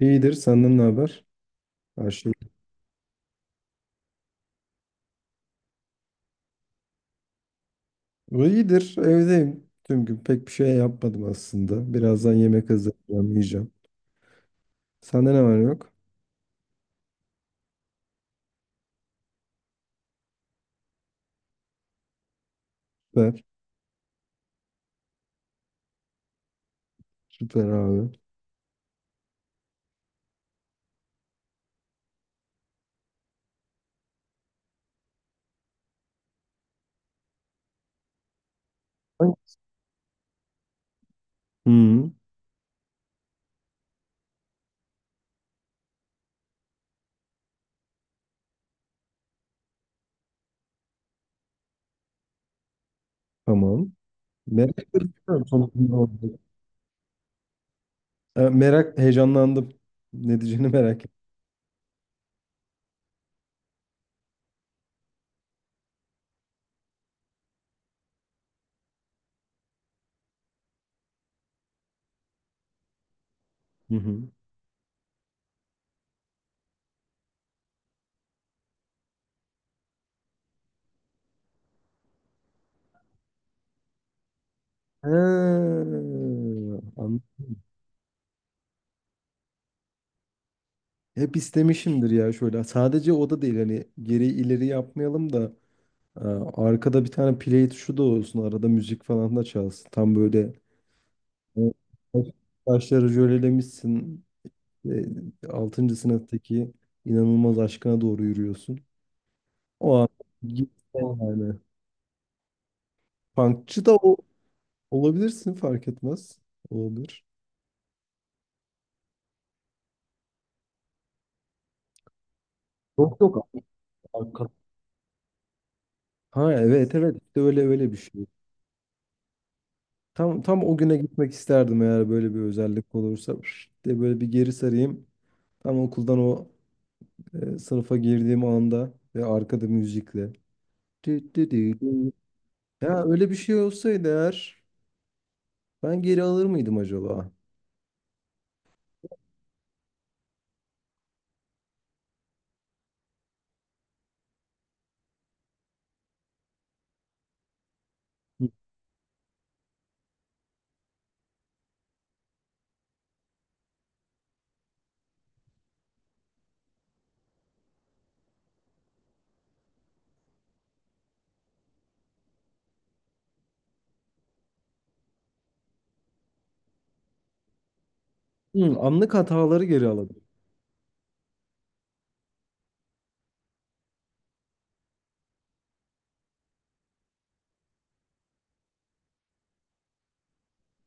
İyidir. Senden ne haber? Her şey iyidir. Evdeyim. Tüm gün pek bir şey yapmadım aslında. Birazdan yemek hazırlayacağım, yiyeceğim. Sende ne var ne yok? Süper. Süper abi. Hı, tamam. Merak ediyorum. Sonucunda oldu. Merak, heyecanlandım. Ne diyeceğini merak ettim. Hı hı. Ha, an- hep istemişimdir ya şöyle. Sadece o da değil, hani geri ileri yapmayalım da e, arkada bir tane play tuşu da olsun. Arada müzik falan da çalsın. Tam böyle evet, Baş, başları jölelemişsin. 6. sınıftaki inanılmaz aşkına doğru yürüyorsun. O an gitsen yani. Punkçı da o, olabilirsin, fark etmez. Olabilir. Yok, yok. Hakikaten. Ha, evet evet, işte öyle öyle bir şey. Tam tam o güne gitmek isterdim, eğer böyle bir özellik olursa. Pşt diye böyle bir geri sarayım. Tam okuldan o sınıfa girdiğim anda, ve arkada müzikle. Tü tü tü tü. Ya öyle bir şey olsaydı eğer, ben geri alır mıydım acaba? Hmm, anlık hataları geri alabilirim.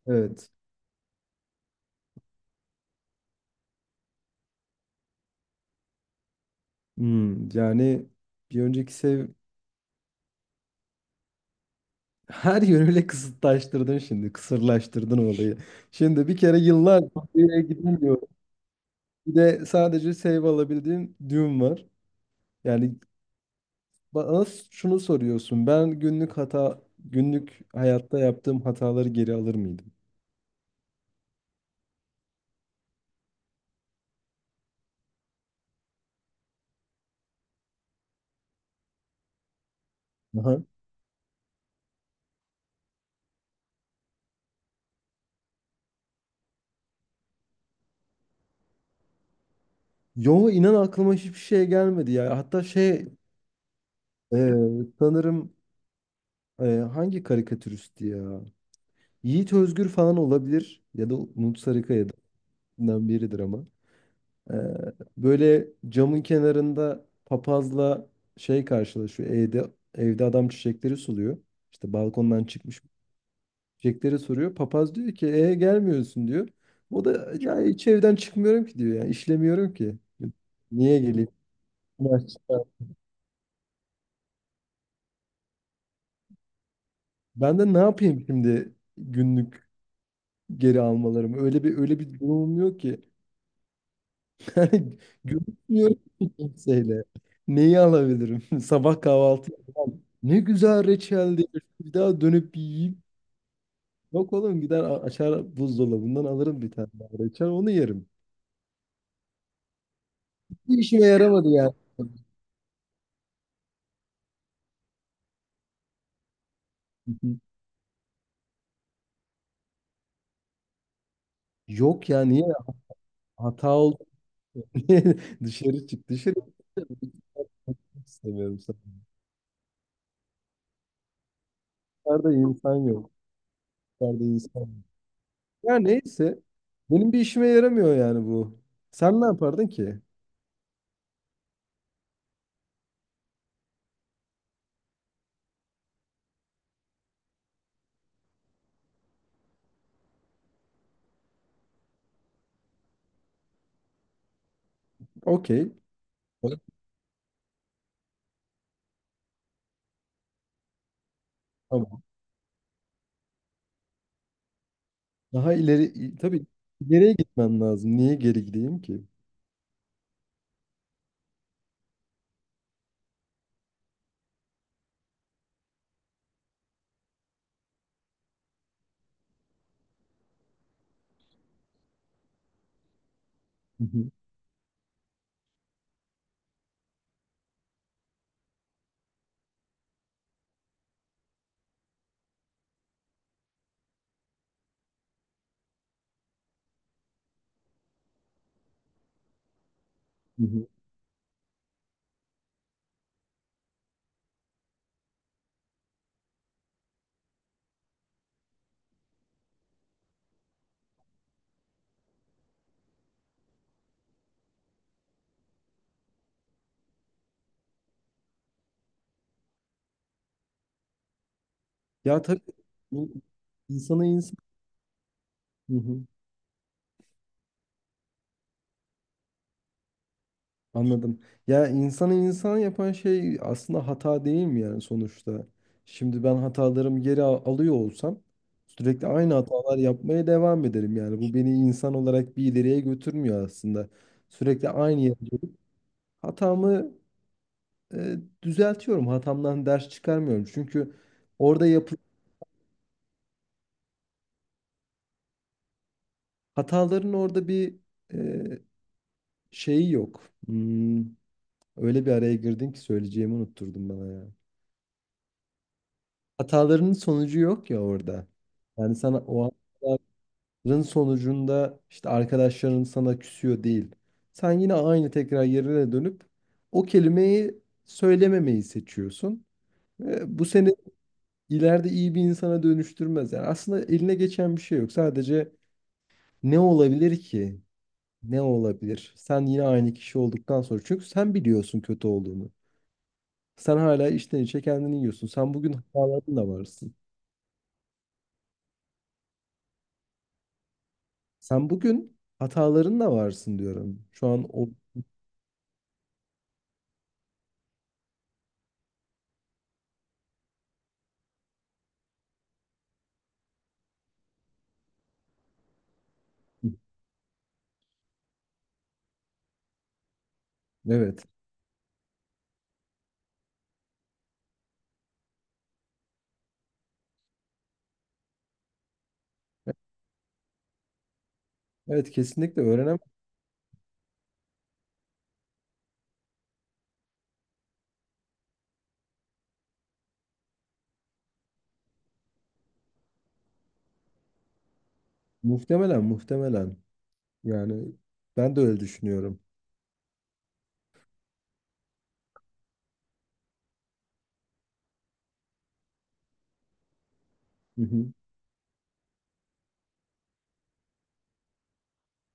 Evet. Hmm, yani bir önceki sev... Her yönüyle kısıtlaştırdın şimdi. Kısırlaştırdın olayı. Şimdi bir kere yıllar oraya gidemiyor. Bir de sadece save alabildiğim düğüm var. Yani bana şunu soruyorsun. Ben günlük hata, günlük hayatta yaptığım hataları geri alır mıydım? Aha. Yo, inan aklıma hiçbir şey gelmedi ya. Hatta şey, e, sanırım Ee, hangi karikatüristi ya? Yiğit Özgür falan olabilir, ya da Umut Sarıkaya'dan biridir ama. Ee, böyle camın kenarında papazla şey karşılaşıyor. Evde, evde adam çiçekleri suluyor. İşte balkondan çıkmış çiçekleri soruyor. Papaz diyor ki, e gelmiyorsun diyor. O da ya hiç evden çıkmıyorum ki diyor. Yani işlemiyorum ki. Niye geleyim? Ben de ne yapayım şimdi, günlük geri almalarım? Öyle bir öyle bir durumum yok ki. Yani görüşmüyorum ki kimseyle. Neyi alabilirim? Sabah kahvaltı yapmam. Ne güzel reçeldi. Bir daha dönüp bir yiyeyim. Yok oğlum, gider açar buzdolabından alırım bir tane daha reçel, onu yerim. Bir işime yaramadı yani. Yok ya, niye hata oldu diye dışarı çık, dışarı çık. İstemiyorum sana. Dışarıda insan yok. Dışarıda insan yok. Ya neyse. Benim bir işime yaramıyor yani bu. Sen ne yapardın ki? Okey. Tamam. Daha ileri, tabii ileriye gitmem lazım. Niye geri gideyim ki? Hı hı, hı hı. Ya tabii, bu insanı insan... Hı hı, anladım. Ya insanı insan yapan şey aslında hata değil mi yani sonuçta? Şimdi ben hatalarımı alıyor olsam, sürekli aynı hatalar yapmaya devam ederim yani. Bu beni insan olarak bir ileriye götürmüyor aslında. Sürekli aynı yere dönüp hatamı e, düzeltiyorum. Hatamdan ders çıkarmıyorum. Çünkü orada yap... Hataların orada bir e, şeyi yok. Hmm, öyle bir araya girdin ki söyleyeceğimi unutturdun bana ya. Hatalarının sonucu yok ya orada. Yani sana o hataların sonucunda işte arkadaşların sana küsüyor değil. Sen yine aynı tekrar yerine dönüp o kelimeyi söylememeyi seçiyorsun. Bu seni ileride iyi bir insana dönüştürmez. Yani aslında eline geçen bir şey yok. Sadece ne olabilir ki? Ne olabilir? Sen yine aynı kişi olduktan sonra. Çünkü sen biliyorsun kötü olduğunu. Sen hala içten içe kendini yiyorsun. Sen bugün hatalarınla varsın. Sen bugün hatalarınla varsın diyorum. Şu an o... Evet. Evet, kesinlikle öğrenem. Muhtemelen, muhtemelen. Yani ben de öyle düşünüyorum. Hı hı.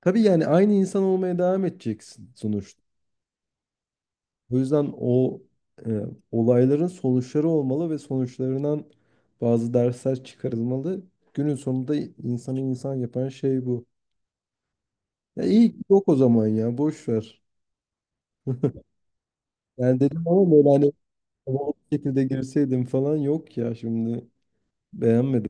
Tabii yani aynı insan olmaya devam edeceksin sonuçta. O yüzden o e, olayların sonuçları olmalı ve sonuçlarından bazı dersler çıkarılmalı. Günün sonunda insanı insan yapan şey bu. Ya iyi ki yok o zaman, ya boş ver. Yani dedim ama böyle hani o şekilde girseydim falan, yok ya, şimdi beğenmedim.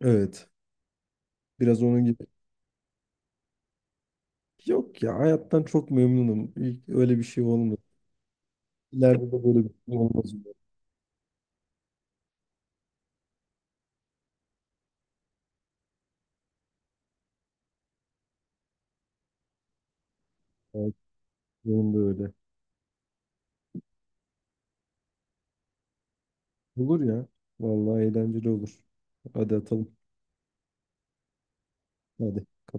Evet, biraz onun gibi. Yok ya, hayattan çok memnunum. İlk öyle bir şey olmadı. İleride de böyle bir şey olmaz umarım. Belki. Benim de öyle. Olur ya. Vallahi eğlenceli olur. Hadi atalım. Hadi. Kapat.